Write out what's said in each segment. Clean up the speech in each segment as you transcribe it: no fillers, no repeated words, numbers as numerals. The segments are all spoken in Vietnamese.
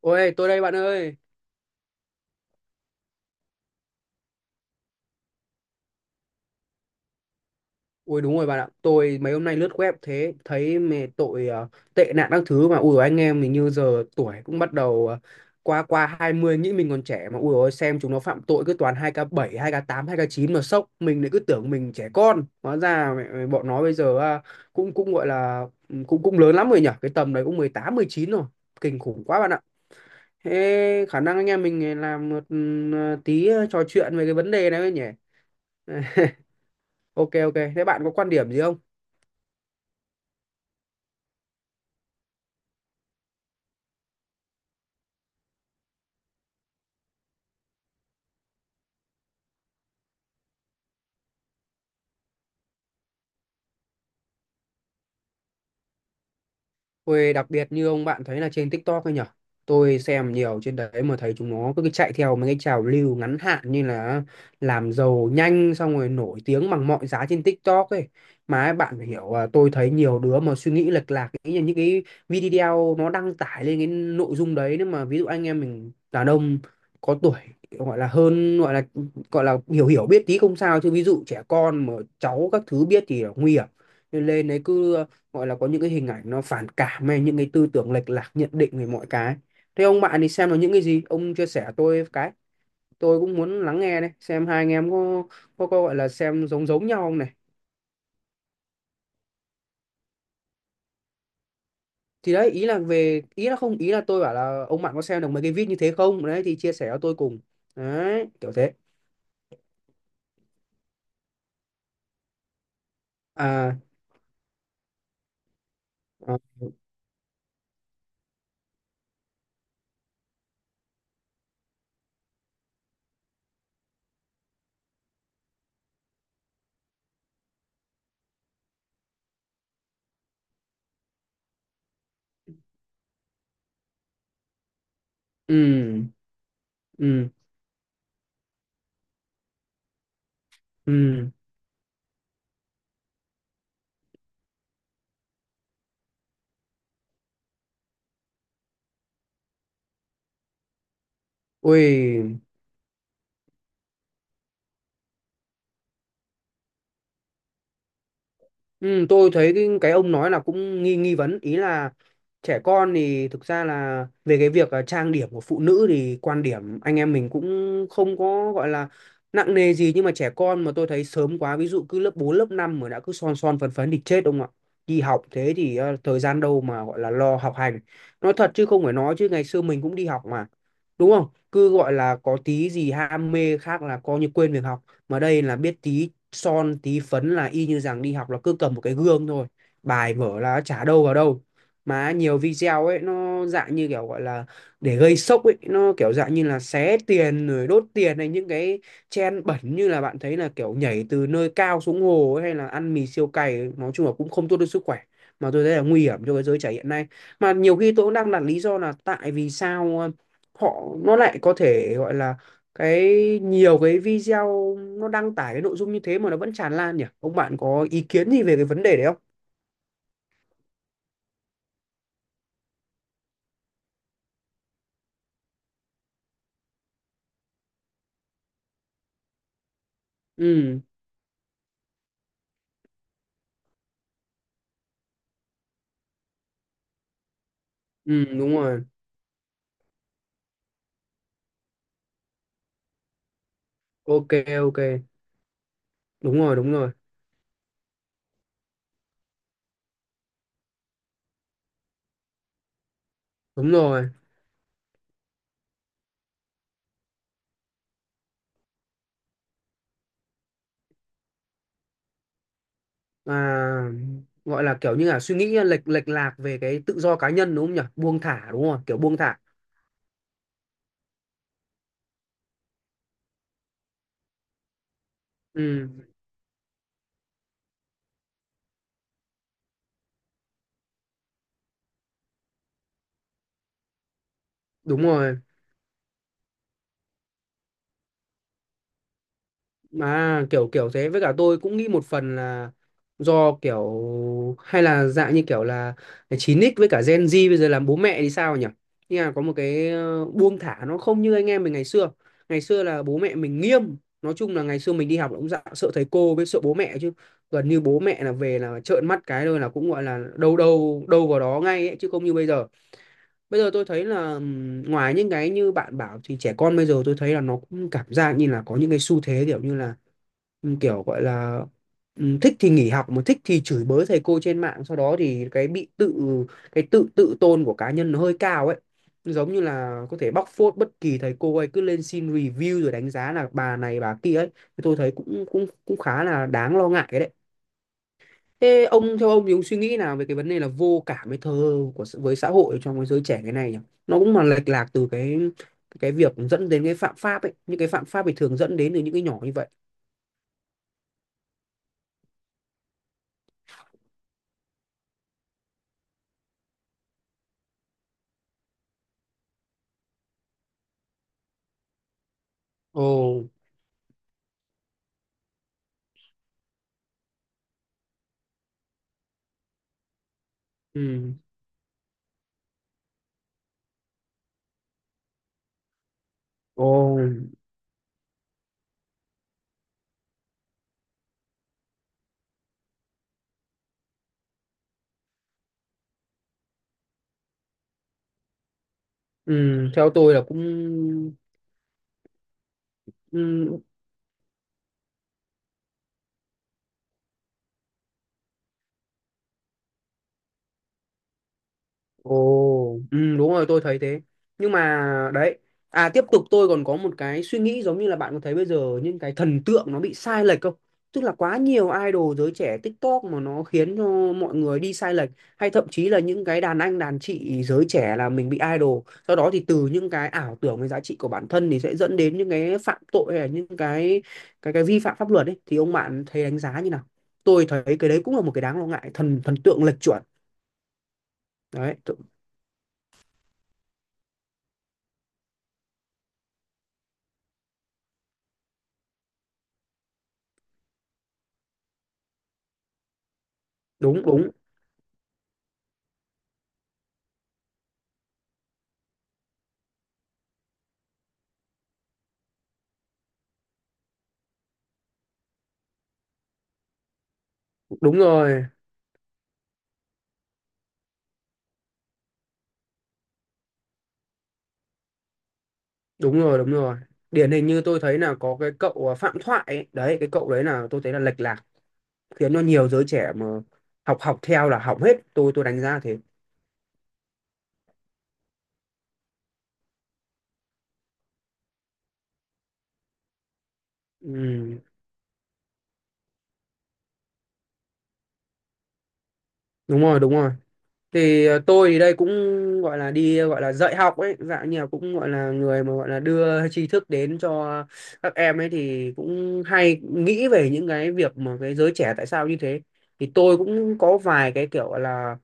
Ôi, tôi đây bạn ơi. Ui đúng rồi bạn ạ. Tôi mấy hôm nay lướt web thế thấy mẹ tội tệ nạn các thứ mà ui dồi, anh em mình như giờ tuổi cũng bắt đầu qua qua 20 nghĩ mình còn trẻ mà ui ôi xem chúng nó phạm tội cứ toàn 2k7 2k8 2k9 mà sốc. Mình lại cứ tưởng mình trẻ con. Hóa ra mẹ bọn nó bây giờ à, cũng cũng gọi là ừ, cũng cũng lớn lắm rồi nhỉ. Cái tầm đấy cũng 18 19 rồi. Kinh khủng quá bạn ạ. Thế khả năng anh em mình làm một trò chuyện về cái vấn đề này thôi nhỉ. Ok ok, thế bạn có quan điểm gì không? Tôi đặc biệt như ông bạn thấy là trên TikTok ấy nhở? Tôi xem nhiều trên đấy mà thấy chúng nó cứ chạy theo mấy cái trào lưu ngắn hạn như là làm giàu nhanh xong rồi nổi tiếng bằng mọi giá trên TikTok ấy. Mà ấy, bạn phải hiểu à, tôi thấy nhiều đứa mà suy nghĩ lệch lạc nghĩ là những cái video nó đăng tải lên cái nội dung đấy nếu mà ví dụ anh em mình đàn ông có tuổi gọi là hơn gọi là hiểu hiểu biết tí không sao chứ ví dụ trẻ con mà cháu các thứ biết thì là nguy hiểm nên lên đấy cứ gọi là có những cái hình ảnh nó phản cảm hay những cái tư tưởng lệch lạc nhận định về mọi cái. Thế ông bạn thì xem là những cái gì ông chia sẻ tôi cái, tôi cũng muốn lắng nghe đấy xem hai anh em có có gọi là xem giống giống nhau không này. Thì đấy, ý là về ý là không ý là tôi bảo là ông bạn có xem được mấy cái vít như thế không đấy thì chia sẻ cho tôi cùng, đấy kiểu thế. À, à, ừ, ừ, ừ, ui. Ừ, tôi thấy cái ông nói là cũng nghi nghi vấn, ý là trẻ con thì thực ra là về cái việc trang điểm của phụ nữ thì quan điểm anh em mình cũng không có gọi là nặng nề gì, nhưng mà trẻ con mà tôi thấy sớm quá, ví dụ cứ lớp 4 lớp 5 mà đã cứ son son phấn phấn thì chết ông ạ. Đi học thế thì thời gian đâu mà gọi là lo học hành. Nói thật chứ không phải nói chứ ngày xưa mình cũng đi học mà, đúng không, cứ gọi là có tí gì ham mê khác là coi như quên việc học, mà đây là biết tí son tí phấn là y như rằng đi học là cứ cầm một cái gương thôi, bài vở là chả đâu vào đâu. Mà nhiều video ấy nó dạng như kiểu gọi là để gây sốc ấy, nó kiểu dạng như là xé tiền rồi đốt tiền hay những cái trend bẩn như là bạn thấy là kiểu nhảy từ nơi cao xuống hồ ấy, hay là ăn mì siêu cay, nói chung là cũng không tốt cho sức khỏe, mà tôi thấy là nguy hiểm cho cái giới trẻ hiện nay. Mà nhiều khi tôi cũng đang đặt lý do là tại vì sao họ nó lại có thể gọi là cái, nhiều cái video nó đăng tải cái nội dung như thế mà nó vẫn tràn lan nhỉ, ông bạn có ý kiến gì về cái vấn đề đấy không? Ừ, ừ, đúng rồi. Ok ok, đúng rồi, đúng rồi, đúng rồi. À, gọi là kiểu như là suy nghĩ lệch lệch lạc về cái tự do cá nhân đúng không nhỉ, buông thả đúng không, kiểu buông thả. Ừ đúng rồi, mà kiểu kiểu thế, với cả tôi cũng nghĩ một phần là do kiểu, hay là dạng như kiểu là 9x với cả Gen Z bây giờ làm bố mẹ thì sao nhỉ, nhưng mà có một cái buông thả nó không như anh em mình ngày xưa. Ngày xưa là bố mẹ mình nghiêm, nói chung là ngày xưa mình đi học là cũng dạ, sợ thầy cô với sợ bố mẹ chứ, gần như bố mẹ là về là trợn mắt cái thôi là cũng gọi là đâu đâu đâu vào đó ngay ấy, chứ không như bây giờ. Bây giờ tôi thấy là ngoài những cái như bạn bảo thì trẻ con bây giờ tôi thấy là nó cũng cảm giác như là có những cái xu thế kiểu như là kiểu gọi là thích thì nghỉ học mà thích thì chửi bới thầy cô trên mạng, sau đó thì cái tự tự tôn của cá nhân nó hơi cao ấy, giống như là có thể bóc phốt bất kỳ thầy cô ấy, cứ lên xin review rồi đánh giá là bà này bà kia ấy, thì tôi thấy cũng cũng cũng khá là đáng lo ngại đấy. Thế ông, theo ông thì ông suy nghĩ nào về cái vấn đề là vô cảm với thờ ơ của với xã hội trong cái giới trẻ cái này nhỉ? Nó cũng mà lệch lạc từ cái việc dẫn đến cái phạm pháp ấy, những cái phạm pháp thì thường dẫn đến từ những cái nhỏ như vậy. Ồ, ừ, ồ, ừ, theo tôi là cũng ừ. Ồ, ừ, đúng rồi tôi thấy thế. Nhưng mà đấy, à tiếp tục tôi còn có một cái suy nghĩ giống như là bạn có thấy bây giờ những cái thần tượng nó bị sai lệch không? Tức là quá nhiều idol giới trẻ TikTok mà nó khiến cho mọi người đi sai lệch, hay thậm chí là những cái đàn anh đàn chị giới trẻ là mình bị idol. Sau đó thì từ những cái ảo tưởng về giá trị của bản thân thì sẽ dẫn đến những cái phạm tội hay là những cái vi phạm pháp luật ấy, thì ông bạn thấy đánh giá như nào? Tôi thấy cái đấy cũng là một cái đáng lo ngại, thần thần tượng lệch chuẩn. Đấy, đúng đúng, đúng rồi, đúng rồi, đúng rồi. Điển hình như tôi thấy là có cái cậu Phạm Thoại ấy. Đấy cái cậu đấy là tôi thấy là lệch lạc, khiến cho nhiều giới trẻ mà học học theo là hỏng hết, tôi đánh giá thế. Ừ, đúng rồi, đúng rồi. Thì tôi thì đây cũng gọi là đi gọi là dạy học ấy, dạng như là cũng gọi là người mà gọi là đưa tri thức đến cho các em ấy, thì cũng hay nghĩ về những cái việc mà cái giới trẻ tại sao như thế. Thì tôi cũng có vài cái kiểu gọi là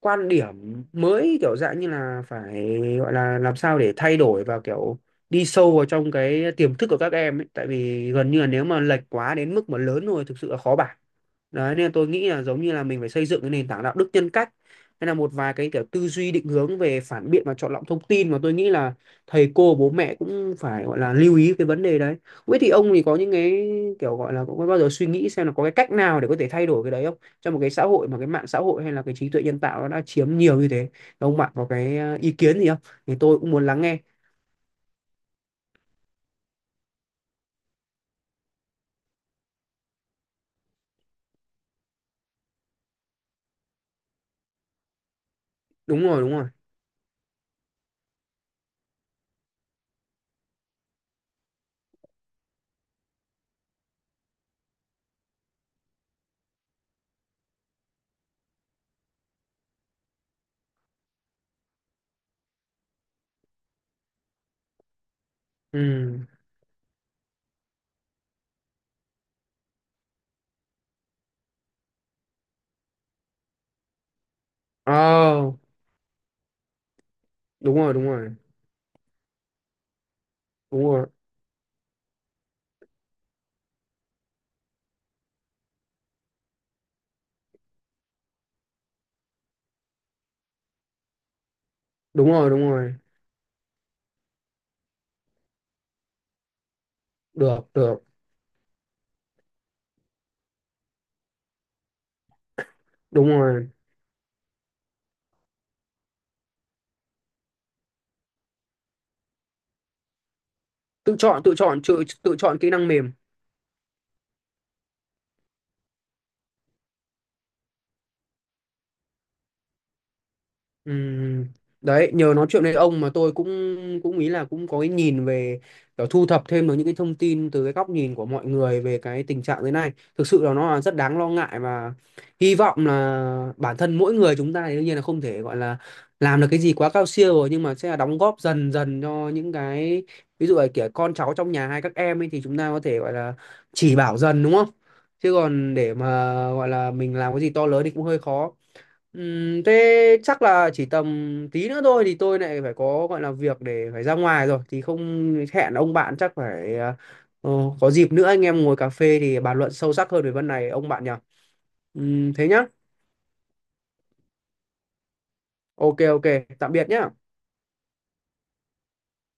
quan điểm mới kiểu dạng như là phải gọi là làm sao để thay đổi và kiểu đi sâu vào trong cái tiềm thức của các em ấy, tại vì gần như là nếu mà lệch quá đến mức mà lớn rồi thực sự là khó bảo. Đấy nên là tôi nghĩ là giống như là mình phải xây dựng cái nền tảng đạo đức nhân cách, nên là một vài cái kiểu tư duy định hướng về phản biện và chọn lọc thông tin mà tôi nghĩ là thầy cô bố mẹ cũng phải gọi là lưu ý cái vấn đề đấy. Không biết thì ông thì có những cái kiểu gọi là có bao giờ suy nghĩ xem là có cái cách nào để có thể thay đổi cái đấy không? Trong một cái xã hội mà cái mạng xã hội hay là cái trí tuệ nhân tạo nó đã chiếm nhiều như thế. Ông bạn có cái ý kiến gì không? Thì tôi cũng muốn lắng nghe. Đúng rồi, đúng rồi. Ừ. Oh, đúng rồi, đúng rồi. Đúng rồi. Đúng rồi, đúng rồi. Được, được. Đúng rồi. Tự chọn, tự chọn, tự chọn kỹ năng mềm. Ừm, đấy nhờ nói chuyện với ông mà tôi cũng cũng ý là cũng có cái nhìn về kiểu thu thập thêm được những cái thông tin từ cái góc nhìn của mọi người về cái tình trạng thế này, thực sự là nó là rất đáng lo ngại, và hy vọng là bản thân mỗi người chúng ta thì đương nhiên là không thể gọi là làm được cái gì quá cao siêu rồi, nhưng mà sẽ là đóng góp dần dần cho những cái ví dụ là kiểu con cháu trong nhà hay các em ấy, thì chúng ta có thể gọi là chỉ bảo dần đúng không, chứ còn để mà gọi là mình làm cái gì to lớn thì cũng hơi khó. Thế chắc là chỉ tầm tí nữa thôi thì tôi lại phải có gọi là việc để phải ra ngoài rồi thì không, hẹn ông bạn chắc phải ờ, có dịp nữa anh em ngồi cà phê thì bàn luận sâu sắc hơn về vấn này ông bạn nhỉ. Thế nhá. Ok ok, tạm biệt nhá.